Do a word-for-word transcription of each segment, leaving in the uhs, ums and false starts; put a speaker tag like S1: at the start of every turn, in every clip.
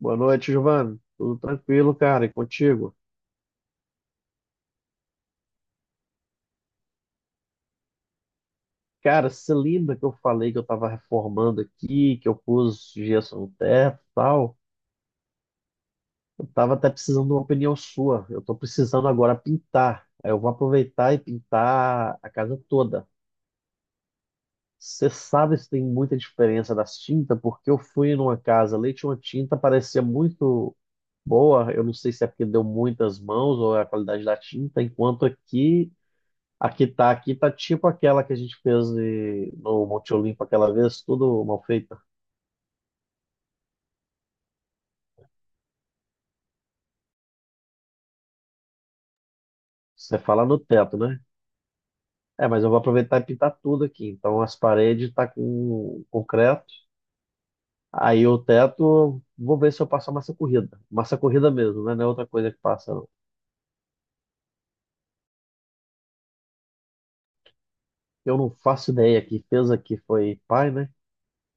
S1: Boa noite, Giovanni. Tudo tranquilo, cara? E contigo? Cara, você lembra que eu falei que eu tava reformando aqui, que eu pus gesso no teto e tal? Eu tava até precisando de uma opinião sua. Eu tô precisando agora pintar. Aí eu vou aproveitar e pintar a casa toda. Você sabe se tem muita diferença das tintas? Porque eu fui numa casa ali, tinha uma tinta, parecia muito boa. Eu não sei se é porque deu muitas mãos ou é a qualidade da tinta, enquanto aqui aqui tá, aqui tá tipo aquela que a gente fez de- no Monte Olimpo aquela vez, tudo mal feita. Você fala no teto, né? É, mas eu vou aproveitar e pintar tudo aqui. Então as paredes tá com concreto. Aí o teto, vou ver se eu passo a massa corrida. Massa corrida mesmo, né? Não é outra coisa que passa, não. Eu não faço ideia. Quem fez aqui foi pai, né?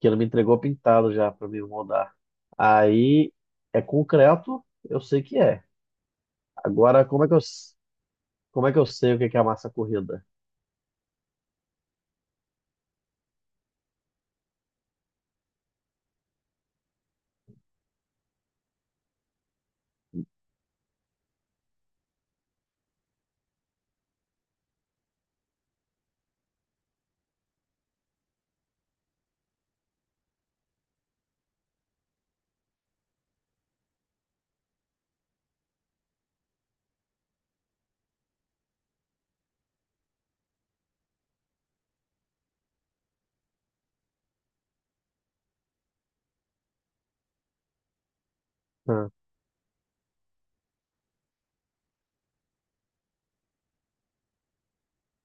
S1: Que ele me entregou pintado já para me moldar. Aí é concreto, eu sei que é. Agora, como é que eu, s- como é que eu sei o que que é a massa corrida?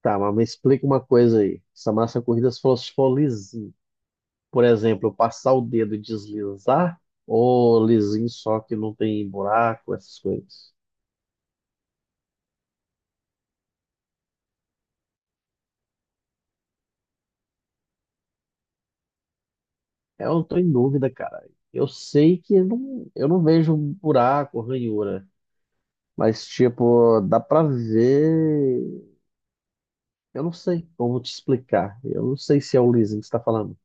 S1: Tá, mas me explica uma coisa aí. Essa massa corrida se fosse for lisinho, por exemplo, eu passar o dedo e deslizar, ou lisinho só que não tem buraco, essas coisas. Eu não tô em dúvida, cara. Eu sei que não, eu não vejo buraco, ranhura, mas tipo, dá pra ver. Eu não sei como te explicar. Eu não sei se é o lisinho que você tá falando.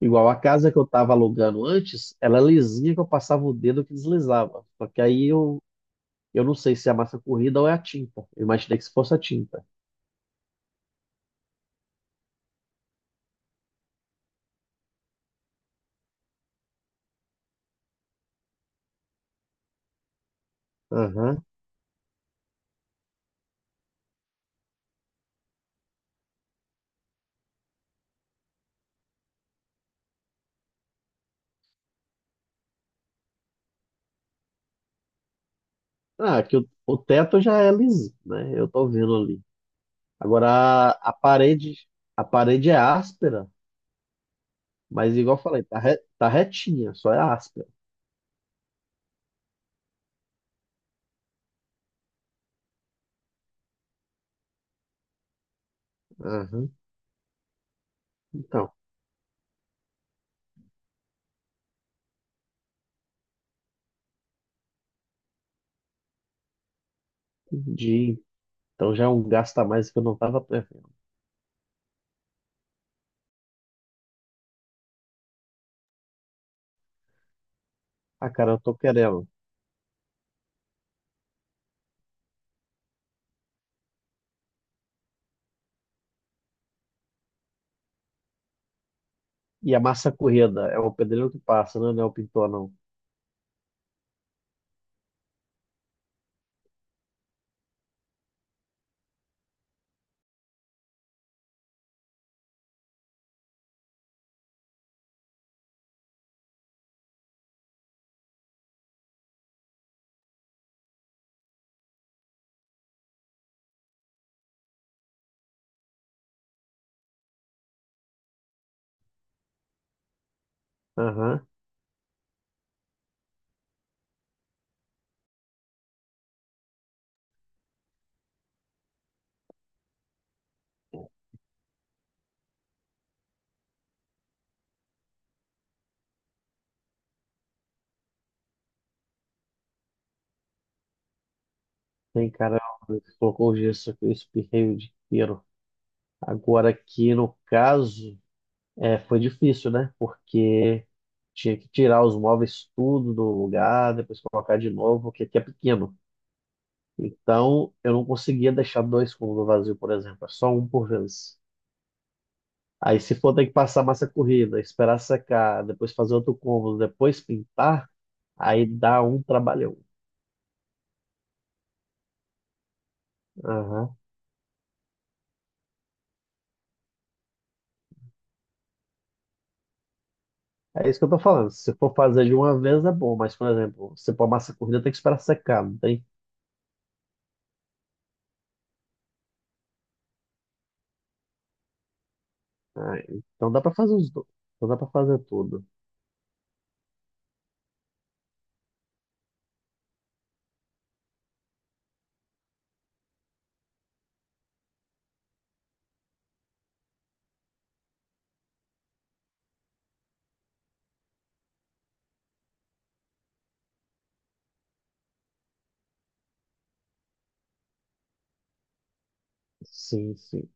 S1: Igual a casa que eu tava alugando antes, ela é lisinha que eu passava o dedo que deslizava. Só que aí eu Eu não sei se é a massa corrida ou é a tinta. Eu imaginei que se fosse a tinta. Aham. Ah, aqui o, o teto já é liso, né? Eu tô vendo ali. Agora a, a parede, a parede é áspera, mas igual eu falei, tá, re- tá retinha, só é áspera. Aham. Então, entendi. Então já é um gasto a mais que eu não tava prevendo. Ah, cara, eu tô querendo. E a massa corrida? É o pedreiro que passa, né? Não é o pintor, não. Aham. Tem cara que colocou o gesso aqui, eu espirrei o dinheiro. Agora aqui no caso. É, foi difícil, né? Porque tinha que tirar os móveis tudo do lugar, depois colocar de novo, porque aqui é pequeno. Então, eu não conseguia deixar dois cômodos vazios, por exemplo, é só um por vez. Aí, se for ter que passar massa corrida, esperar secar, depois fazer outro cômodo, depois pintar, aí dá um trabalhão. Aham. É isso que eu tô falando. Se for fazer de uma vez é bom, mas, por exemplo, se for massa corrida, tem que esperar secar, não tem? Ah, então dá para fazer os dois. Então dá para fazer tudo. Sim, sim.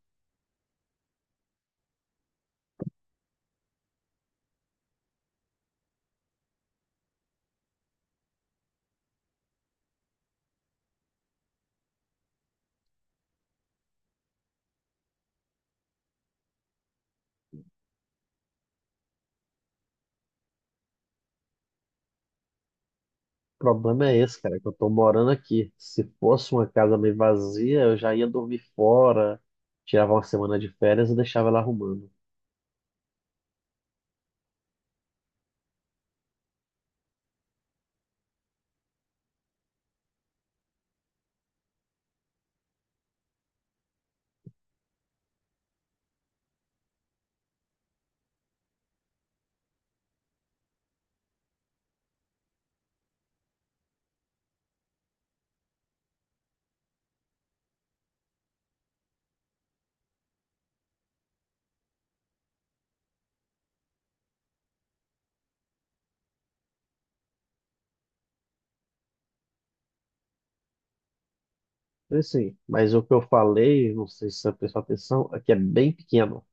S1: O problema é esse, cara, que eu tô morando aqui. Se fosse uma casa meio vazia, eu já ia dormir fora, tirava uma semana de férias e deixava ela arrumando. Então, assim, mas o que eu falei, não sei se você prestou atenção, é que é bem pequeno.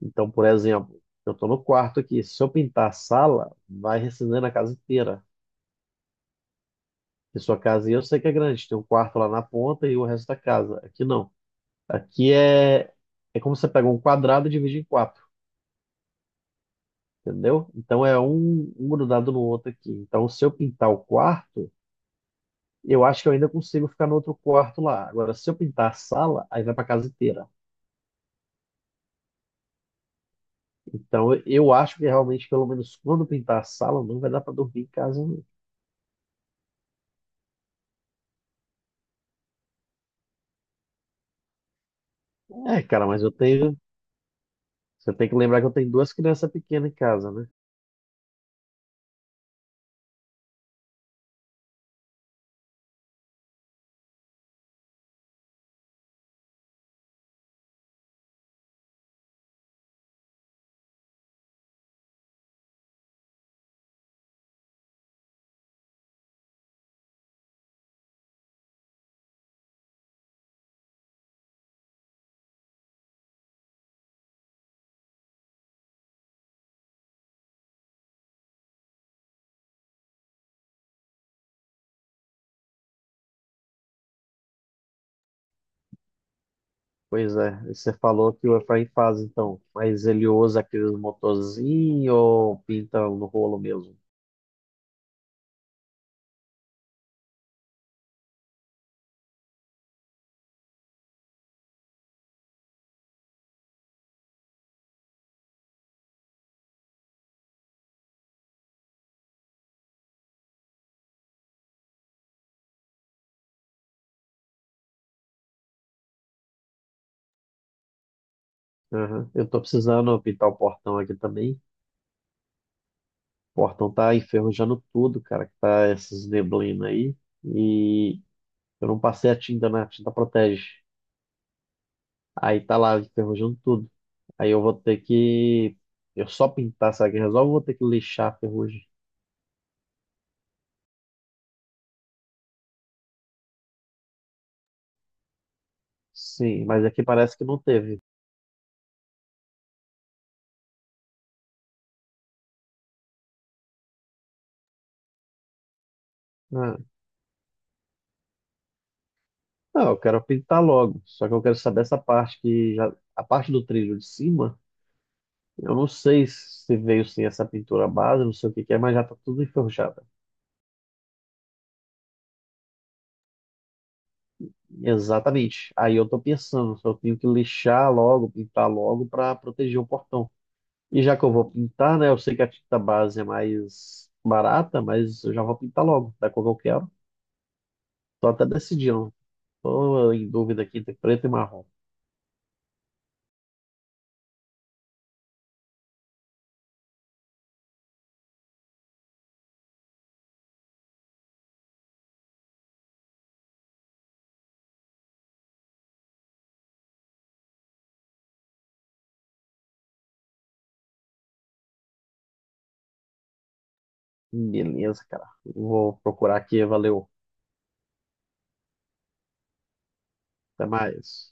S1: Então, por exemplo, eu tô no quarto aqui. Se eu pintar a sala, vai recendendo a casa inteira. E sua casa, eu sei que é grande, tem um quarto lá na ponta e o resto da casa. Aqui não. Aqui é, é como você pega um quadrado e divide em quatro. Entendeu? Então é um, um grudado no outro aqui. Então, se eu pintar o quarto, eu acho que eu ainda consigo ficar no outro quarto lá. Agora, se eu pintar a sala, aí vai para casa inteira. Então, eu eu acho que realmente, pelo menos quando pintar a sala, não vai dar para dormir em casa, não. É, cara, mas eu tenho. Você tem que lembrar que eu tenho duas crianças pequenas em casa, né? Pois é, e você falou que o Efraim faz então, mas ele usa aqueles motorzinhos ou pinta no rolo mesmo? Aham. Eu tô precisando pintar o portão aqui também. Portão tá enferrujando tudo, cara, que tá essas neblinas aí. E eu não passei a tinta na tinta protege. Aí tá lá enferrujando tudo. Aí eu vou ter que. Eu só pintar, sabe quem resolve? Eu vou ter que lixar a ferrugem. Sim, mas aqui parece que não teve. Ah, não, eu quero pintar logo. Só que eu quero saber essa parte que já. A parte do trilho de cima, eu não sei se veio sem essa pintura base, não sei o que que é, mas já tá tudo enferrujado. Exatamente. Aí eu tô pensando, só tenho que lixar logo, pintar logo para proteger o portão. E já que eu vou pintar, né? Eu sei que a tinta base é mais barata, mas eu já vou pintar logo, da cor que eu quero. Tô até decidindo. Tô em dúvida aqui entre preto e marrom. Beleza, cara. Vou procurar aqui, valeu. Até mais.